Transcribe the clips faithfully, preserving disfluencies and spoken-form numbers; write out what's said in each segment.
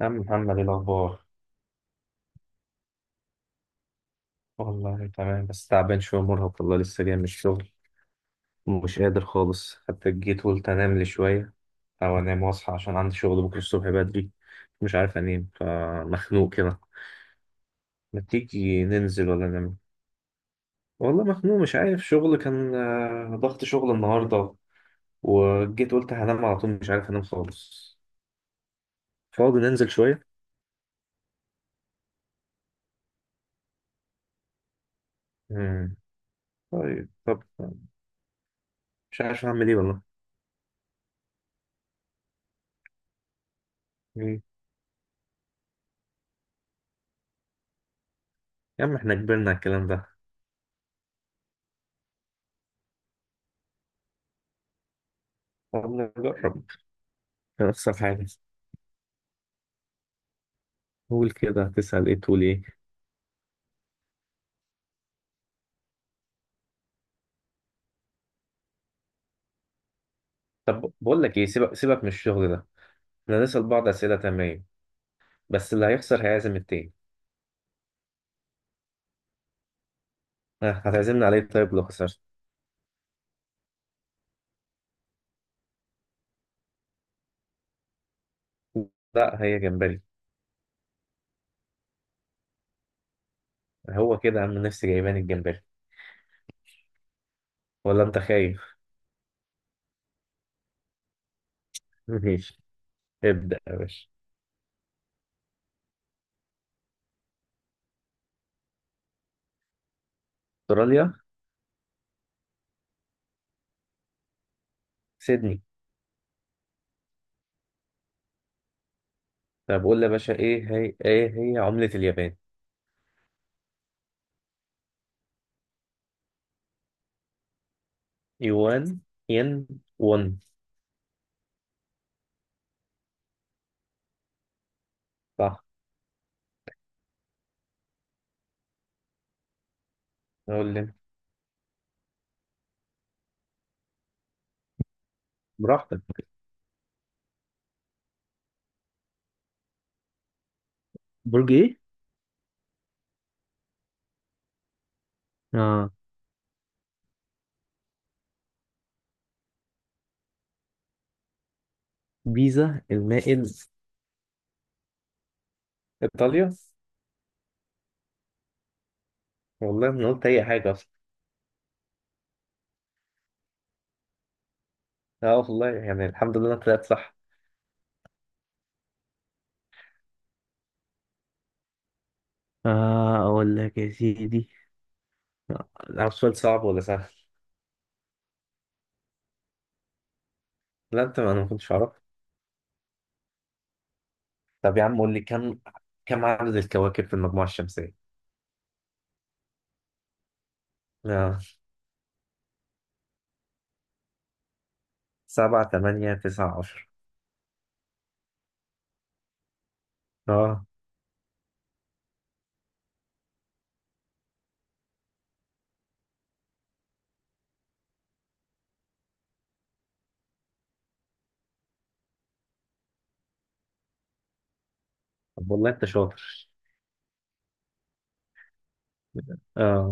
يا عم محمد، إيه الأخبار؟ والله تمام، بس تعبان شوية مرهق. والله لسه جاي من الشغل ومش قادر خالص. حتى جيت قلت أنام لي شوية، أو أنام وأصحى عشان عندي شغل بكرة الصبح بدري. مش عارف أنام فمخنوق كده. ما تيجي ننزل ولا نعمل؟ والله مخنوق مش عارف، شغل كان آه، ضغط شغل النهاردة. وجيت قلت هنام على طول، مش عارف أنام خالص. فاضي ننزل شوية؟ مم. طيب طب مش عارف أعمل إيه والله. مم. يا عم إحنا كبرنا على الكلام ده. طب نجرب، نفس الحاجة. قول كده، هتسأل ايه تقول ايه؟ طب بقول لك ايه، سيبك سيبك من الشغل ده. احنا هنسأل بعض أسئلة، تمام، بس اللي هيخسر هيعزم التاني. ها، هتعزمني عليه طيب لو خسرت؟ لا هي جمبري. هو كده يا عم، نفسي جايباني الجمبري. ولا انت خايف؟ ماشي. ابدأ يا باشا. استراليا؟ سيدني. طب قول لي يا باشا، ايه هي ايه هي عملة اليابان؟ يوان، ين، ون. صح. قول لي. براحتك. برج ايه؟ اه. بيزا المائل. ايطاليا. والله ما قلت اي حاجه اصلا. اه والله يعني الحمد لله انا طلعت صح. آه أقول لك يا سيدي، عارف سؤال صعب ولا سهل؟ لا، انت انا ما كنتش اعرف. طب يا عم قول لي كم كم عدد الكواكب في المجموعه الشمسيه؟ اه. سبعة، تمانية، تسعة، عشر. اه. طب والله انت شاطر. اه.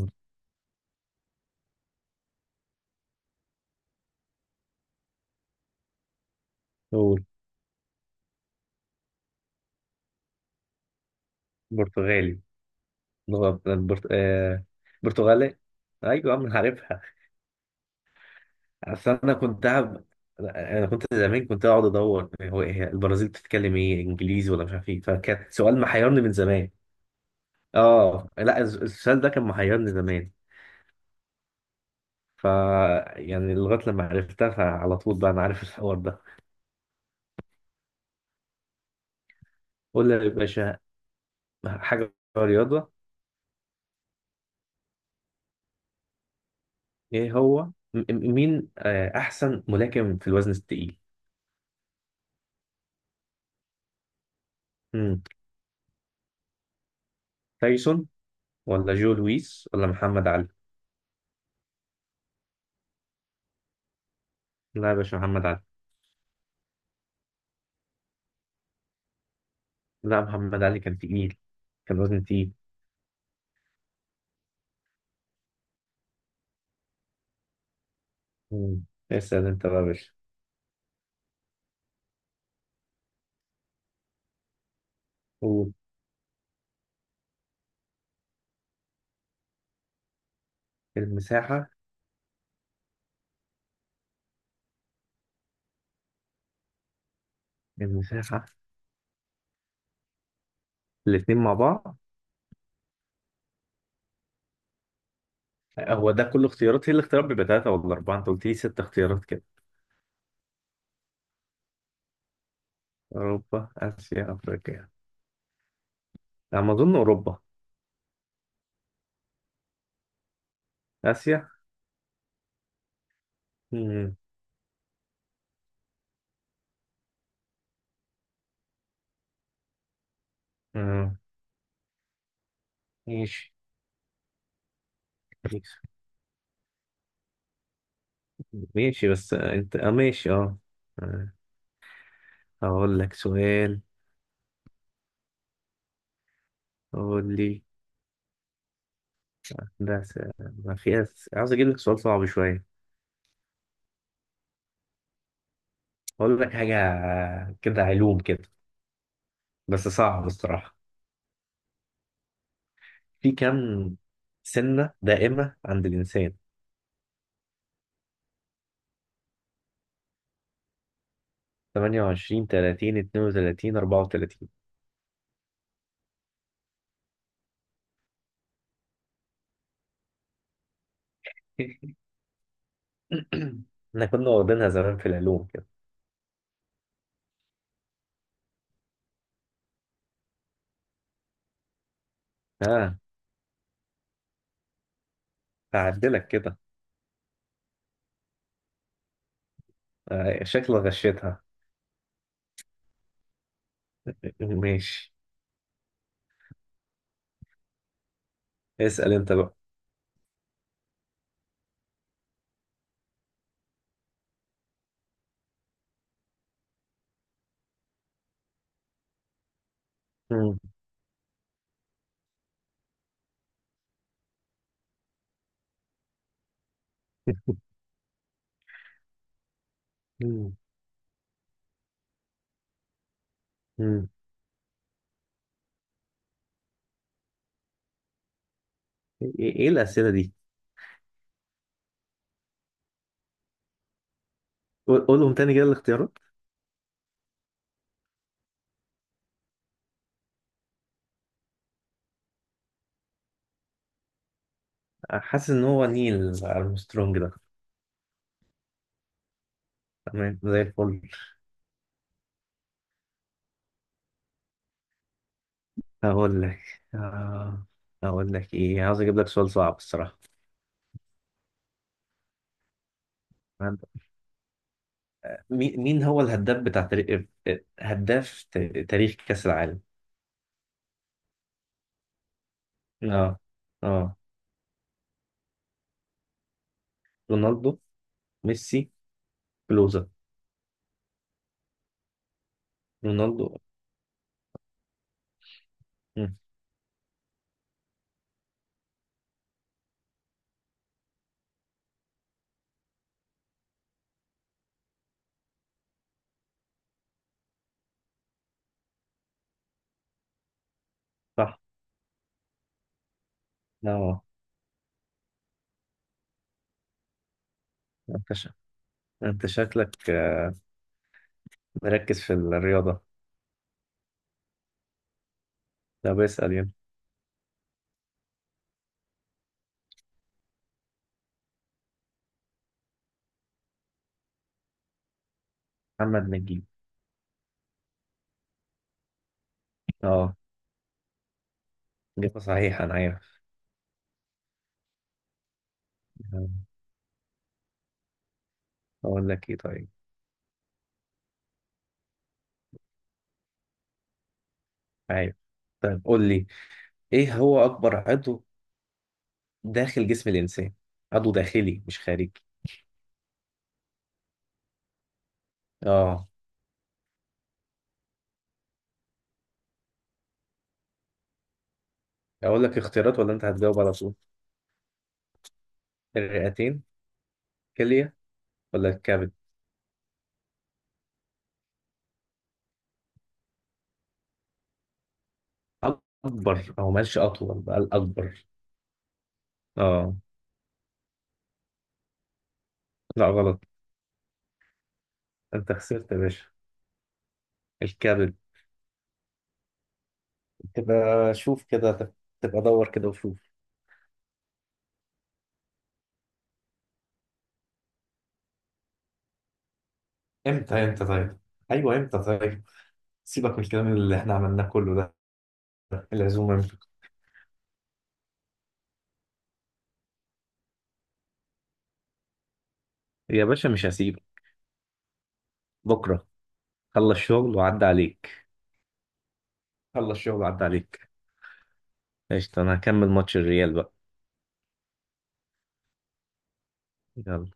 قول. برتغالي. لغة برت... آه. برتغالي. ايوه يا عم عارف. اصل انا كنت هب... انا كنت زمان كنت اقعد ادور هو إيه البرازيل بتتكلم ايه، انجليزي ولا مش عارف ايه، فكان سؤال محيرني من زمان. اه لا، الس- السؤال ده كان محيرني زمان. ف يعني لغايه لما عرفتها فعلى طول بقى انا عارف الحوار ده. قول لي يا باشا، حاجه رياضه. ايه هو م- م- مين آه، احسن ملاكم في الوزن الثقيل؟ مم. تايسون، ولا جو لويس، ولا محمد علي. لا يا باشا، محمد علي. لا محمد علي كان تقيل، كان وزن تقيل. مم. اسأل انت بقى يا باشا. قول. المساحة. المساحة. الاتنين مع بعض؟ هو ده كل اختيارات؟ هي الاختيارات بيبقى تلاتة ولا أربعة، أنت قلت لي ست اختيارات كده. أوروبا آسيا أفريقيا. على ما أظن أوروبا. آسيا. مم. مم. ماشي ماشي بس أنت أه ماشي أه آه. هقول لك سؤال. قول لي. ده س- ما في أس- عاوز أجيب لك سؤال صعب شوية. أقول لك حاجة، كده علوم كده، بس صعب الصراحة. في كم سنة دائمة عند الإنسان؟ ثمانية وعشرين، ثلاثين، اثنين وثلاثين، اربعة وتلاتين. احنا كنا واخدينها زمان في العلوم كده. ها، آه. هعدلك كده. آه، شكلك غشيتها. ماشي. اسأل انت بقى. مم. مم. مم. ايه إيه إيه الأسئلة دي؟ قول- قولهم تاني كده الاختيارات. حاسس ان هو نيل ارمسترونج ده. تمام زي الفل. هقول لك. آه، هقول لك ايه، عاوز اجيب لك سؤال صعب الصراحة. مي- مين هو الهداف بتاع تاريخ، هداف تا- تاريخ كأس العالم؟ اه. اه. رونالدو، ميسي، كلوزا، رونالدو. مم. صح. اه. انت شا- انت شكلك آه، مركز في الرياضة. طب اسأل يلا. محمد نجيب. اه. إجابة صحيحة أنا عارف. آه، أقول لك إيه طيب. عارف. طيب قول لي، إيه هو أكبر عضو داخل جسم الإنسان؟ عضو داخلي مش خارجي. اه. أقول لك اختيارات ولا أنت هتجاوب على طول؟ الرئتين، كلية، ولا الكبد. اكبر او ماشي اطول بقى، الاكبر. اه. لا غلط. انت خسرت يا باشا. الكبد. تبقى شوف كده، تبقى دور كده وشوف. امتى؟ امتى طيب؟ ايوه امتى طيب؟ سيبك من الكلام اللي احنا عملناه كله ده. العزومه امتى؟ يا باشا مش هسيبك. بكره. خلص شغل وعدى عليك. خلص شغل وعدى عليك. قشطة، انا هكمل ماتش الريال بقى. يلا.